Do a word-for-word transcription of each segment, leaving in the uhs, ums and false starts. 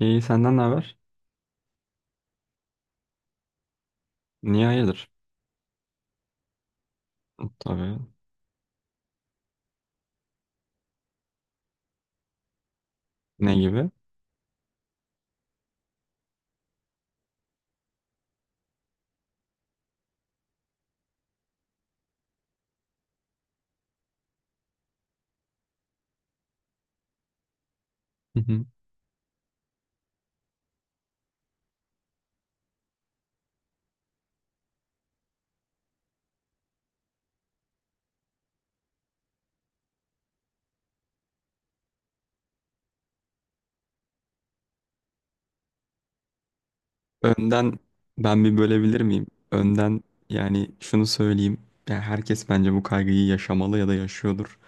İyi senden ne haber? Niye hayırdır? Tabii. Ne gibi? Hı hı. Önden ben bir bölebilir miyim? Önden yani şunu söyleyeyim. Yani herkes bence bu kaygıyı yaşamalı ya da yaşıyordur.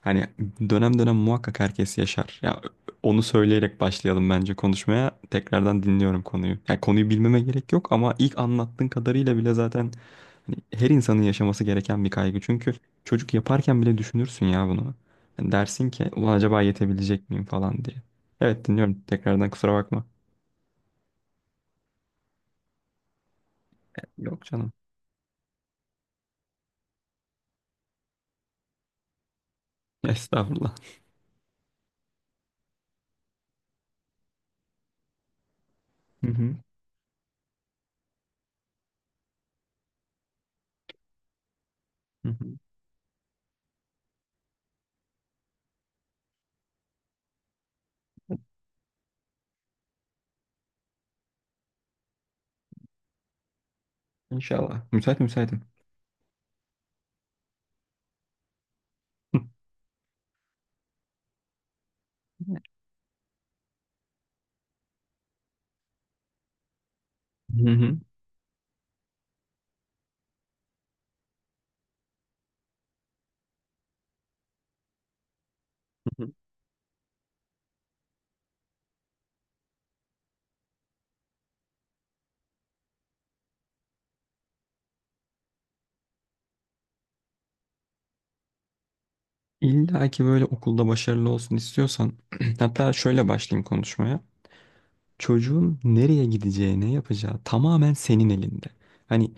Hani dönem dönem muhakkak herkes yaşar. Ya onu söyleyerek başlayalım bence konuşmaya. Tekrardan dinliyorum konuyu. Yani konuyu bilmeme gerek yok ama ilk anlattığın kadarıyla bile zaten hani her insanın yaşaması gereken bir kaygı. Çünkü çocuk yaparken bile düşünürsün ya bunu. Yani dersin ki ulan acaba yetebilecek miyim falan diye. Evet dinliyorum. Tekrardan kusura bakma. Yok canım. Estağfurullah. Hı hı. Hı hı. İnşallah. Müsait müsaitim. Hı hı. Hı hı. İlla ki böyle okulda başarılı olsun istiyorsan, hatta şöyle başlayayım konuşmaya. Çocuğun nereye gideceği, ne yapacağı tamamen senin elinde. Hani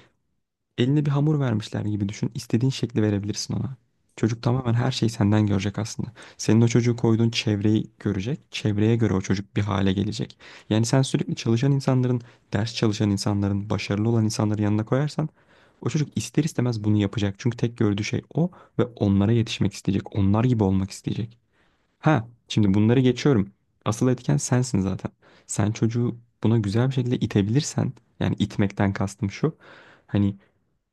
eline bir hamur vermişler gibi düşün. İstediğin şekli verebilirsin ona. Çocuk tamamen her şeyi senden görecek aslında. Senin o çocuğu koyduğun çevreyi görecek. Çevreye göre o çocuk bir hale gelecek. Yani sen sürekli çalışan insanların, ders çalışan insanların, başarılı olan insanların yanına koyarsan o çocuk ister istemez bunu yapacak. Çünkü tek gördüğü şey o ve onlara yetişmek isteyecek. Onlar gibi olmak isteyecek. Ha, şimdi bunları geçiyorum. Asıl etken sensin zaten. Sen çocuğu buna güzel bir şekilde itebilirsen, yani itmekten kastım şu. Hani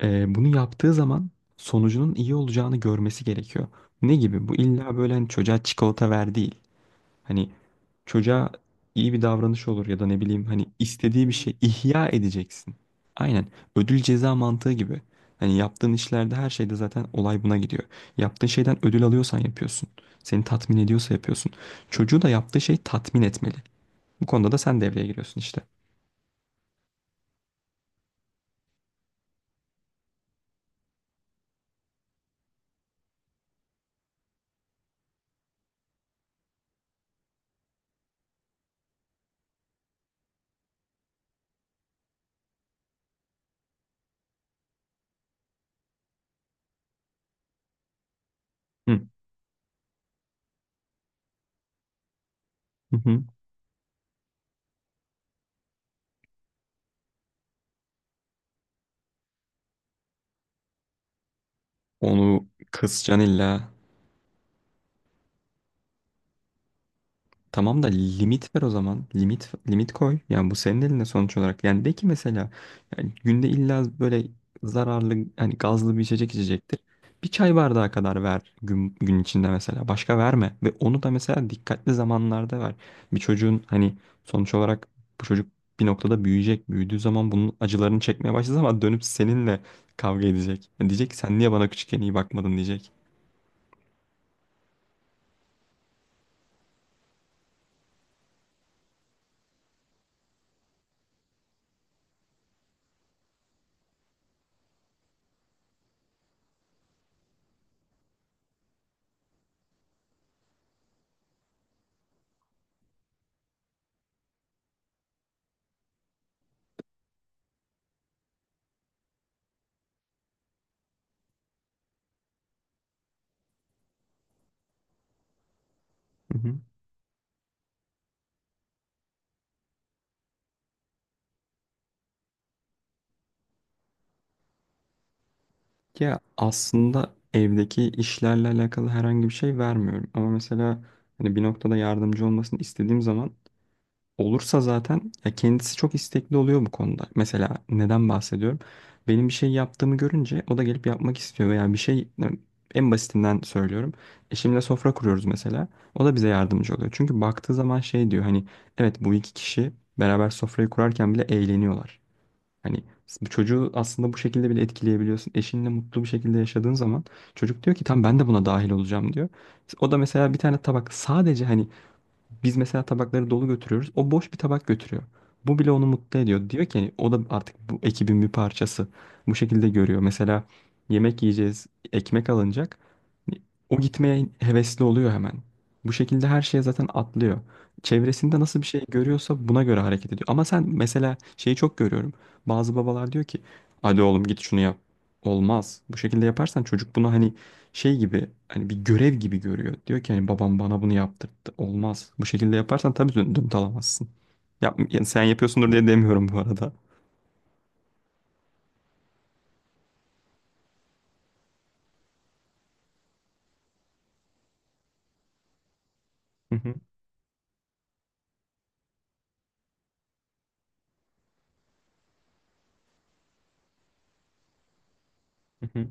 e, bunu yaptığı zaman sonucunun iyi olacağını görmesi gerekiyor. Ne gibi? Bu illa böyle hani çocuğa çikolata ver değil. Hani çocuğa iyi bir davranış olur ya da ne bileyim hani istediği bir şey ihya edeceksin. Aynen ödül ceza mantığı gibi. Hani yaptığın işlerde her şeyde zaten olay buna gidiyor. Yaptığın şeyden ödül alıyorsan yapıyorsun. Seni tatmin ediyorsa yapıyorsun. Çocuğu da yaptığı şey tatmin etmeli. Bu konuda da sen devreye giriyorsun işte. Hı. Hı hı. Onu kısacaksın illa. Tamam da limit ver o zaman. Limit limit koy. Yani bu senin elinde sonuç olarak. Yani de ki mesela yani günde illa böyle zararlı hani gazlı bir içecek içecektir. Bir çay bardağı kadar ver gün, gün içinde mesela. Başka verme. Ve onu da mesela dikkatli zamanlarda ver. Bir çocuğun hani sonuç olarak bu çocuk bir noktada büyüyecek. Büyüdüğü zaman bunun acılarını çekmeye başladığı ama dönüp seninle kavga edecek. Yani diyecek ki sen niye bana küçükken iyi bakmadın diyecek. Ya aslında evdeki işlerle alakalı herhangi bir şey vermiyorum. Ama mesela hani bir noktada yardımcı olmasını istediğim zaman olursa zaten ya kendisi çok istekli oluyor bu konuda. Mesela neden bahsediyorum? Benim bir şey yaptığımı görünce o da gelip yapmak istiyor veya bir şey en basitinden söylüyorum. Eşimle sofra kuruyoruz mesela. O da bize yardımcı oluyor. Çünkü baktığı zaman şey diyor hani evet bu iki kişi beraber sofrayı kurarken bile eğleniyorlar. Hani bu çocuğu aslında bu şekilde bile etkileyebiliyorsun. Eşinle mutlu bir şekilde yaşadığın zaman çocuk diyor ki tam ben de buna dahil olacağım diyor. O da mesela bir tane tabak sadece hani biz mesela tabakları dolu götürüyoruz. O boş bir tabak götürüyor. Bu bile onu mutlu ediyor. Diyor ki hani o da artık bu ekibin bir parçası. Bu şekilde görüyor. Mesela yemek yiyeceğiz, ekmek alınacak. O gitmeye hevesli oluyor hemen. Bu şekilde her şeye zaten atlıyor. Çevresinde nasıl bir şey görüyorsa buna göre hareket ediyor. Ama sen mesela şeyi çok görüyorum. Bazı babalar diyor ki hadi oğlum git şunu yap. Olmaz. Bu şekilde yaparsan çocuk bunu hani şey gibi hani bir görev gibi görüyor. Diyor ki hani babam bana bunu yaptırdı. Olmaz. Bu şekilde yaparsan tabii dön dönüt alamazsın. Yap, yani sen yapıyorsundur diye demiyorum bu arada. Hı hı, hı hı.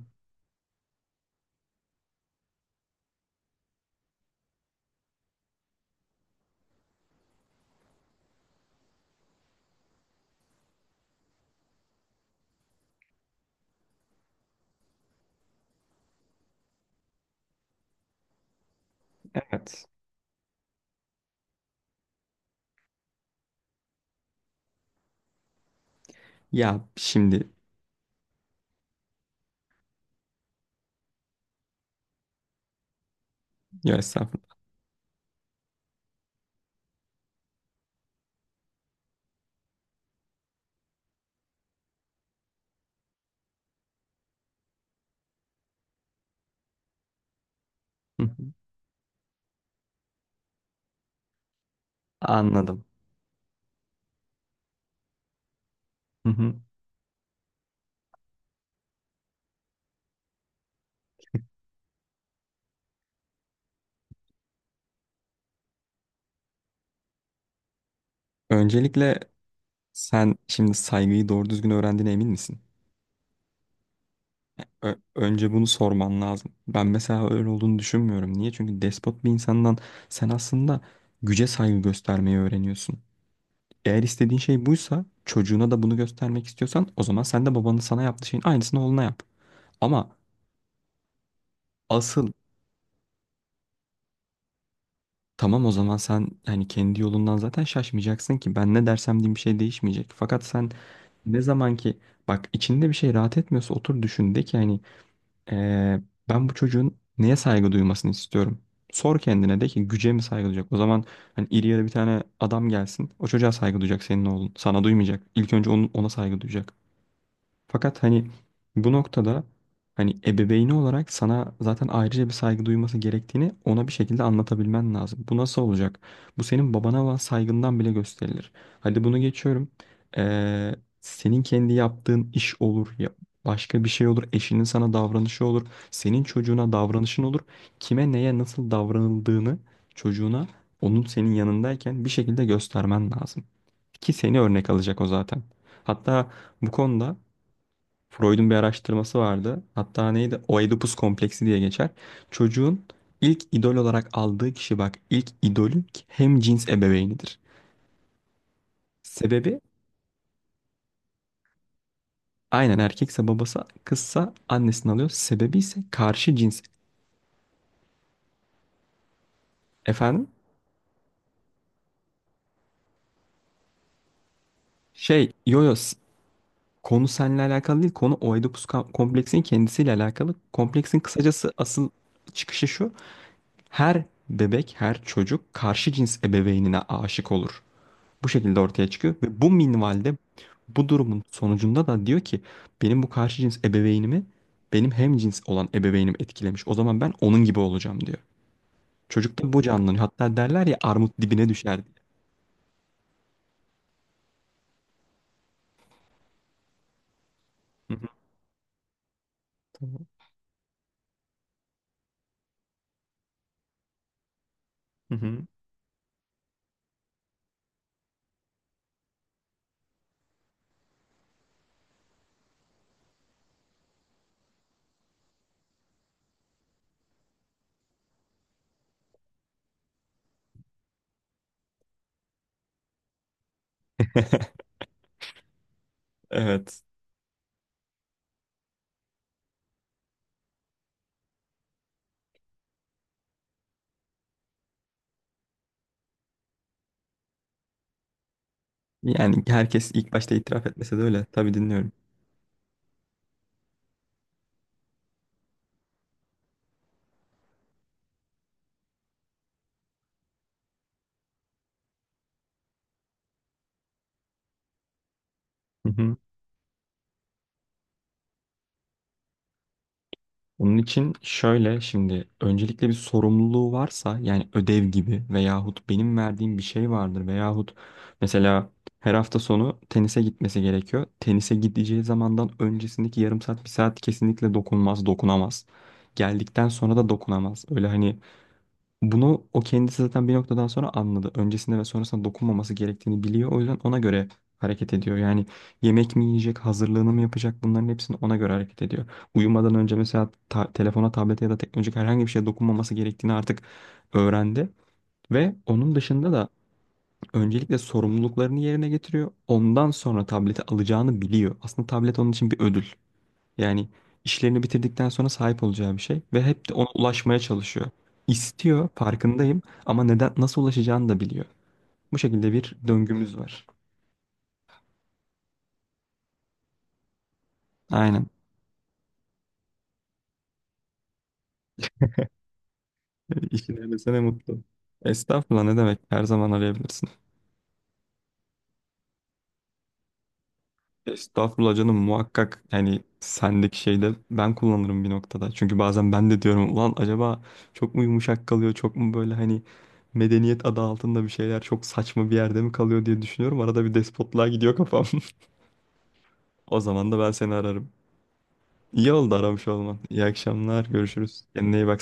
Evet. Ya şimdi ya estağfurullah. Hı hı. Anladım. Hı hı. Öncelikle sen şimdi saygıyı doğru düzgün öğrendiğine emin misin? Ö- önce bunu sorman lazım. Ben mesela öyle olduğunu düşünmüyorum. Niye? Çünkü despot bir insandan sen aslında güce saygı göstermeyi öğreniyorsun. Eğer istediğin şey buysa çocuğuna da bunu göstermek istiyorsan o zaman sen de babanın sana yaptığı şeyin aynısını oğluna yap. Ama asıl tamam o zaman sen hani kendi yolundan zaten şaşmayacaksın ki ben ne dersem diyeyim bir şey değişmeyecek. Fakat sen ne zaman ki bak içinde bir şey rahat etmiyorsa otur düşün de ki hani eee, ben bu çocuğun neye saygı duymasını istiyorum. Sor kendine de ki güce mi saygı duyacak? O zaman hani iri yarı bir tane adam gelsin o çocuğa saygı duyacak senin oğlun sana duymayacak. İlk önce onun, ona saygı duyacak. Fakat hani bu noktada hani ebeveyni olarak sana zaten ayrıca bir saygı duyması gerektiğini ona bir şekilde anlatabilmen lazım. Bu nasıl olacak? Bu senin babana olan saygından bile gösterilir. Hadi bunu geçiyorum. Ee, senin kendi yaptığın iş olur ya başka bir şey olur. Eşinin sana davranışı olur. Senin çocuğuna davranışın olur. Kime neye nasıl davranıldığını çocuğuna onun senin yanındayken bir şekilde göstermen lazım. Ki seni örnek alacak o zaten. Hatta bu konuda Freud'un bir araştırması vardı. Hatta neydi? Oedipus kompleksi diye geçer. Çocuğun ilk idol olarak aldığı kişi bak ilk idolü hem cins ebeveynidir. Sebebi aynen erkekse babası kızsa annesinden alıyor. Sebebi ise karşı cins. Efendim? Şey yo-yo s- Konu seninle alakalı değil. Konu Oedipus kam- kompleksinin kendisiyle alakalı. Kompleksin kısacası asıl çıkışı şu. Her bebek, her çocuk karşı cins ebeveynine aşık olur. Bu şekilde ortaya çıkıyor ve bu minvalde bu durumun sonucunda da diyor ki benim bu karşı cins ebeveynimi benim hem cins olan ebeveynim etkilemiş. O zaman ben onun gibi olacağım diyor. Çocukta bu canlanıyor. Hatta derler ya armut dibine düşer diye. Hı hı. Hı hı. Evet. Yani herkes ilk başta itiraf etmese de öyle. Tabii dinliyorum. Hı hı. Onun için şöyle şimdi öncelikle bir sorumluluğu varsa yani ödev gibi veyahut benim verdiğim bir şey vardır veyahut mesela her hafta sonu tenise gitmesi gerekiyor. Tenise gideceği zamandan öncesindeki yarım saat bir saat kesinlikle dokunmaz, dokunamaz. Geldikten sonra da dokunamaz. Öyle hani bunu o kendisi zaten bir noktadan sonra anladı. Öncesinde ve sonrasında dokunmaması gerektiğini biliyor. O yüzden ona göre hareket ediyor. Yani yemek mi yiyecek, hazırlığını mı yapacak bunların hepsini ona göre hareket ediyor. Uyumadan önce mesela ta- telefona, tablete ya da teknolojik herhangi bir şeye dokunmaması gerektiğini artık öğrendi. Ve onun dışında da öncelikle sorumluluklarını yerine getiriyor. Ondan sonra tableti alacağını biliyor. Aslında tablet onun için bir ödül. Yani işlerini bitirdikten sonra sahip olacağı bir şey ve hep de ona ulaşmaya çalışıyor. İstiyor, farkındayım ama neden nasıl ulaşacağını da biliyor. Bu şekilde bir döngümüz var. Aynen. E, İşin ehliyse ne mutlu. Estağfurullah ne demek? Her zaman arayabilirsin. Estağfurullah canım muhakkak yani sendeki şeyde ben kullanırım bir noktada. Çünkü bazen ben de diyorum ulan acaba çok mu yumuşak kalıyor çok mu böyle hani medeniyet adı altında bir şeyler çok saçma bir yerde mi kalıyor diye düşünüyorum. Arada bir despotluğa gidiyor kafam. O zaman da ben seni ararım. İyi oldu aramış olman. İyi akşamlar. Görüşürüz. Kendine iyi bak.